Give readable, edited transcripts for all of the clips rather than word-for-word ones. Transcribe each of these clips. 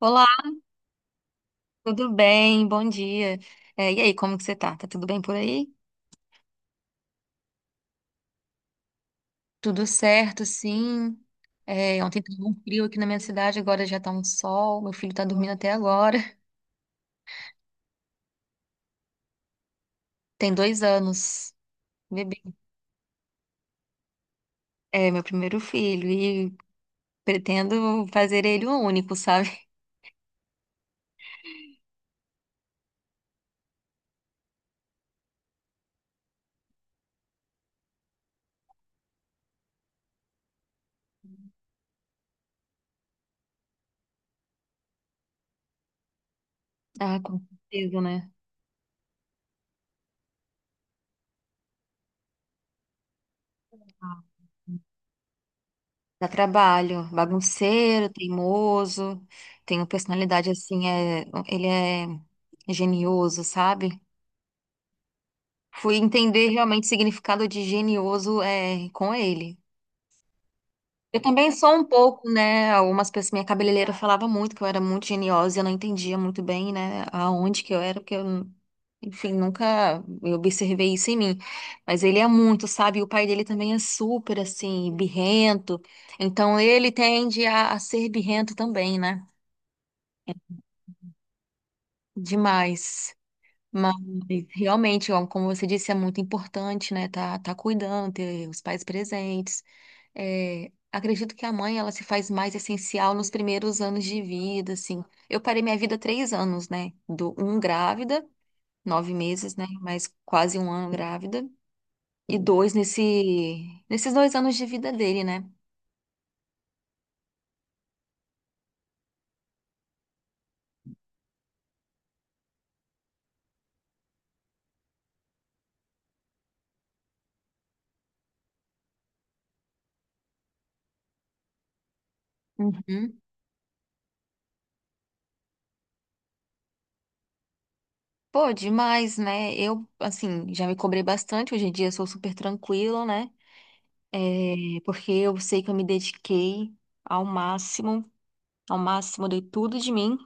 Olá, tudo bem? Bom dia. É, e aí, como que você tá? Tá tudo bem por aí? Tudo certo, sim. É, ontem tava um frio aqui na minha cidade, agora já tá um sol. Meu filho tá dormindo até agora. Tem 2 anos, bebê. É meu primeiro filho e pretendo fazer ele um único, sabe? Ah, com certeza, né? Ah, dá trabalho, bagunceiro, teimoso, tem uma personalidade assim, é, ele é genioso, sabe? Fui entender realmente o significado de genioso é, com ele. Eu também sou um pouco, né? Algumas pessoas, minha cabeleireira falava muito que eu era muito geniosa e eu não entendia muito bem, né? Aonde que eu era, porque eu, enfim, nunca eu observei isso em mim. Mas ele é muito, sabe? E o pai dele também é super, assim, birrento. Então ele tende a ser birrento também, né? Demais. Mas realmente, ó, como você disse, é muito importante, né? Tá, tá cuidando, ter os pais presentes. É, acredito que a mãe, ela se faz mais essencial nos primeiros anos de vida, assim. Eu parei minha vida 3 anos, né? Do um grávida, 9 meses, né? Mas quase um ano grávida. E dois nesses 2 anos de vida dele, né? Uhum. Pô, demais, né? Eu, assim, já me cobrei bastante. Hoje em dia eu sou super tranquila, né? É, porque eu sei que eu me dediquei ao máximo, ao máximo, eu dei tudo de mim,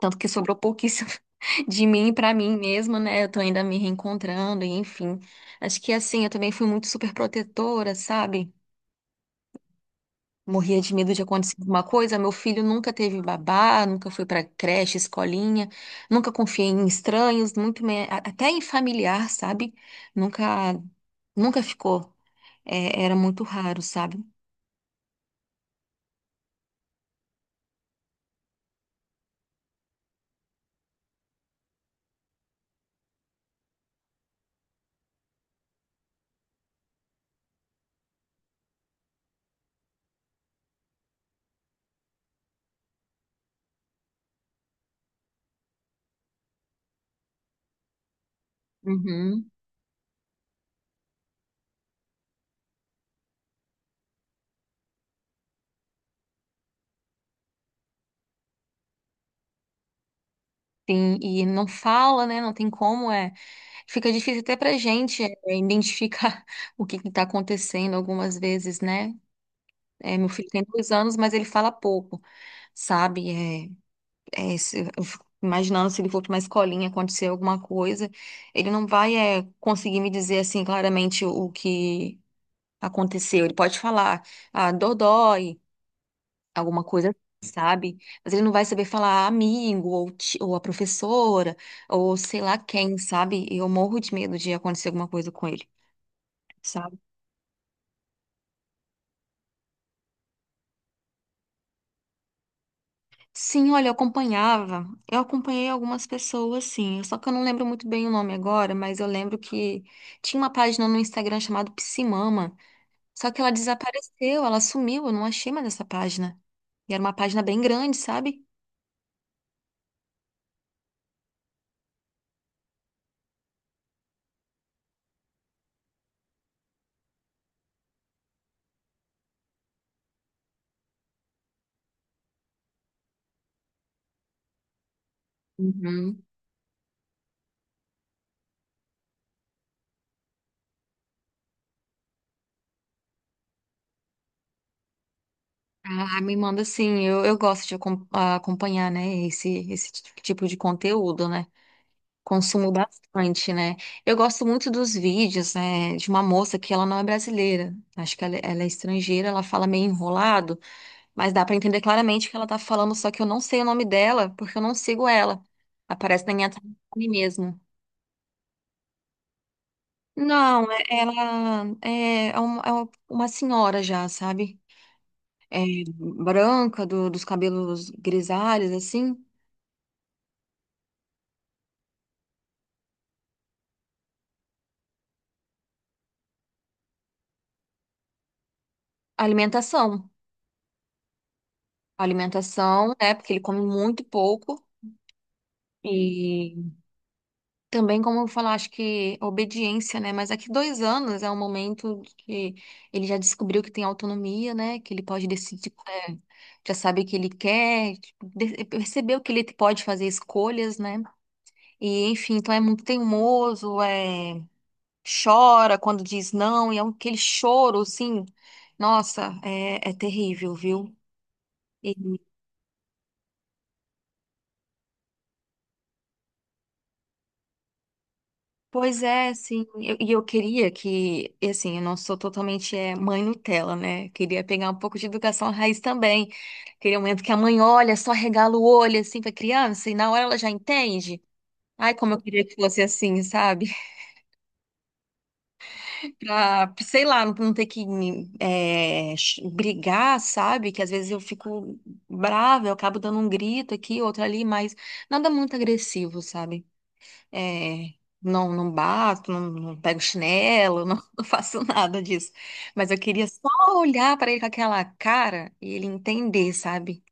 tanto que sobrou pouquíssimo de mim pra mim mesma, né? Eu tô ainda me reencontrando, e enfim. Acho que assim, eu também fui muito super protetora, sabe? Morria de medo de acontecer alguma coisa. Meu filho nunca teve babá, nunca foi pra creche, escolinha, nunca confiei em estranhos, muito me... até em familiar, sabe? Nunca, nunca ficou. É, era muito raro, sabe? Uhum. Sim, e não fala, né? Não tem como, é. Fica difícil até pra gente é, identificar o que que tá acontecendo algumas vezes, né? É, meu filho tem 2 anos, mas ele fala pouco, sabe? Eu fico imaginando se ele for pra uma escolinha, acontecer alguma coisa, ele não vai é, conseguir me dizer assim claramente o que aconteceu. Ele pode falar, ah, dodói, alguma coisa, assim, sabe? Mas ele não vai saber falar amigo, ou, ou a professora, ou sei lá quem, sabe? Eu morro de medo de acontecer alguma coisa com ele. Sabe? Sim, olha, eu acompanhava, eu acompanhei algumas pessoas, sim, só que eu não lembro muito bem o nome agora, mas eu lembro que tinha uma página no Instagram chamada Psimama, só que ela desapareceu, ela sumiu, eu não achei mais essa página. E era uma página bem grande, sabe? Uhum. Ah, me manda sim, eu gosto de acompanhar, né, esse tipo de conteúdo, né? Consumo bastante, né? Eu gosto muito dos vídeos, né, de uma moça que ela não é brasileira. Acho que ela é estrangeira, ela fala meio enrolado, mas dá pra entender claramente o que ela tá falando, só que eu não sei o nome dela, porque eu não sigo ela. Aparece na minha timeline mesmo. Não, ela é uma senhora já, sabe? É, branca, dos cabelos grisalhos, assim. Alimentação. Alimentação, né? Porque ele come muito pouco. E também, como eu falar, acho que obediência, né? Mas daqui 2 anos é um momento que ele já descobriu que tem autonomia, né? Que ele pode decidir, é, já sabe o que ele quer, tipo, percebeu que ele pode fazer escolhas, né? E, enfim, então é muito teimoso, é, chora quando diz não, e aquele choro, assim, nossa, é, é terrível, viu? Pois é, assim, eu queria que, e assim, eu não sou totalmente é, mãe Nutella, né? Queria pegar um pouco de educação raiz também. Aquele momento que a mãe olha, só regala o olho, assim, pra criança, e na hora ela já entende. Ai, como eu queria que fosse assim, sabe? Pra, sei lá, não ter que brigar, sabe? Que às vezes eu fico brava, eu acabo dando um grito aqui, outro ali, mas nada muito agressivo, sabe? É, não, não bato, não, não pego chinelo, não, não faço nada disso. Mas eu queria só olhar para ele com aquela cara e ele entender, sabe?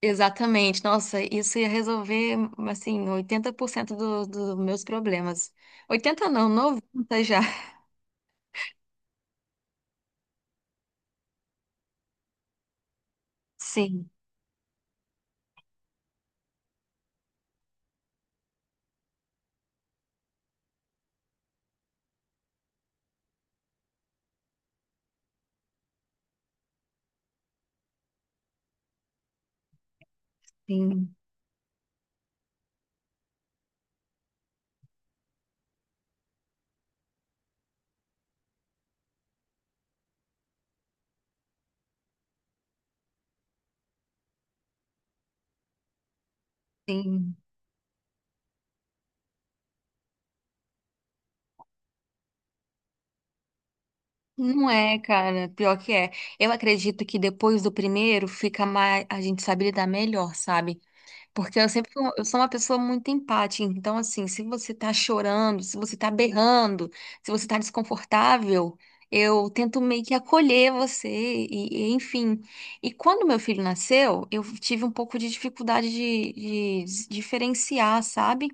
Exatamente. Nossa, isso ia resolver, assim, 80% dos meus problemas. 80 não, 90 já. Sim, sim, sim. Não é, cara, pior que é. Eu acredito que depois do primeiro fica mais, a gente sabe lidar melhor, sabe? Porque eu sempre fui eu sou uma pessoa muito empática. Então, assim, se você tá chorando, se você tá berrando, se você tá desconfortável, eu tento meio que acolher você, e enfim. E quando meu filho nasceu, eu tive um pouco de dificuldade de diferenciar, sabe?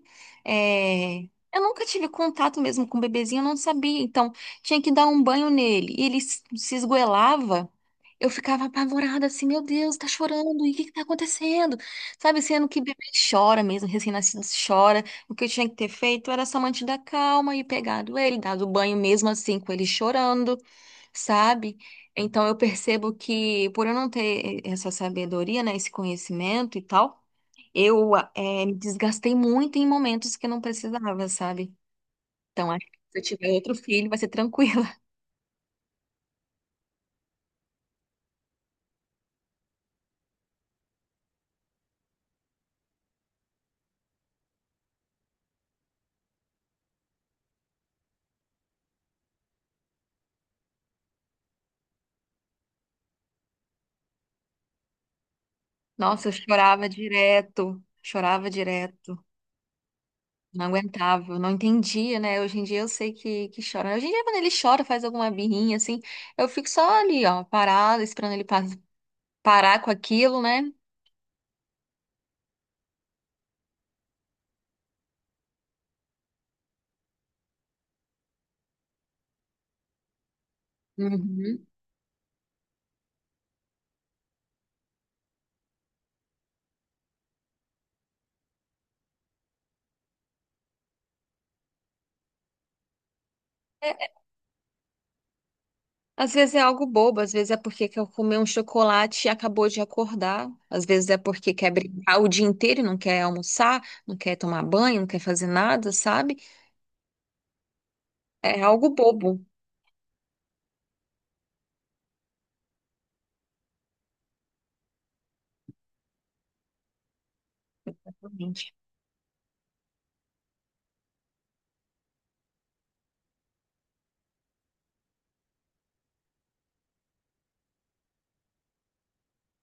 É, Eu nunca tive contato mesmo com o bebezinho, eu não sabia. Então, tinha que dar um banho nele. E ele se esgoelava. Eu ficava apavorada, assim, meu Deus, tá chorando, e o que que tá acontecendo? Sabe, sendo que bebê chora mesmo, recém-nascido chora. O que eu tinha que ter feito era só mantido a calma e pegado ele, dado banho mesmo assim, com ele chorando, sabe? Então eu percebo que, por eu não ter essa sabedoria, né, esse conhecimento e tal, eu me desgastei muito em momentos que eu não precisava, sabe? Então acho que se eu tiver outro filho, vai ser tranquila. Nossa, eu chorava direto, chorava direto. Não aguentava, não entendia, né? Hoje em dia eu sei que chora. Hoje em dia, quando ele chora, faz alguma birrinha assim, eu fico só ali, ó, parada, esperando ele parar com aquilo, né? Uhum. Às vezes é algo bobo, às vezes é porque quer comer um chocolate e acabou de acordar, às vezes é porque quer brincar o dia inteiro e não quer almoçar, não quer tomar banho, não quer fazer nada, sabe? É algo bobo. Exatamente.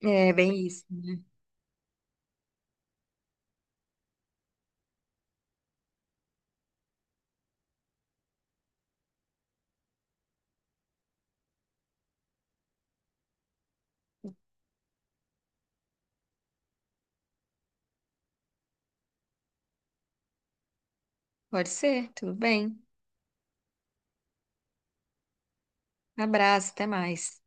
É bem isso, né? Pode ser, tudo bem. Abraço, até mais.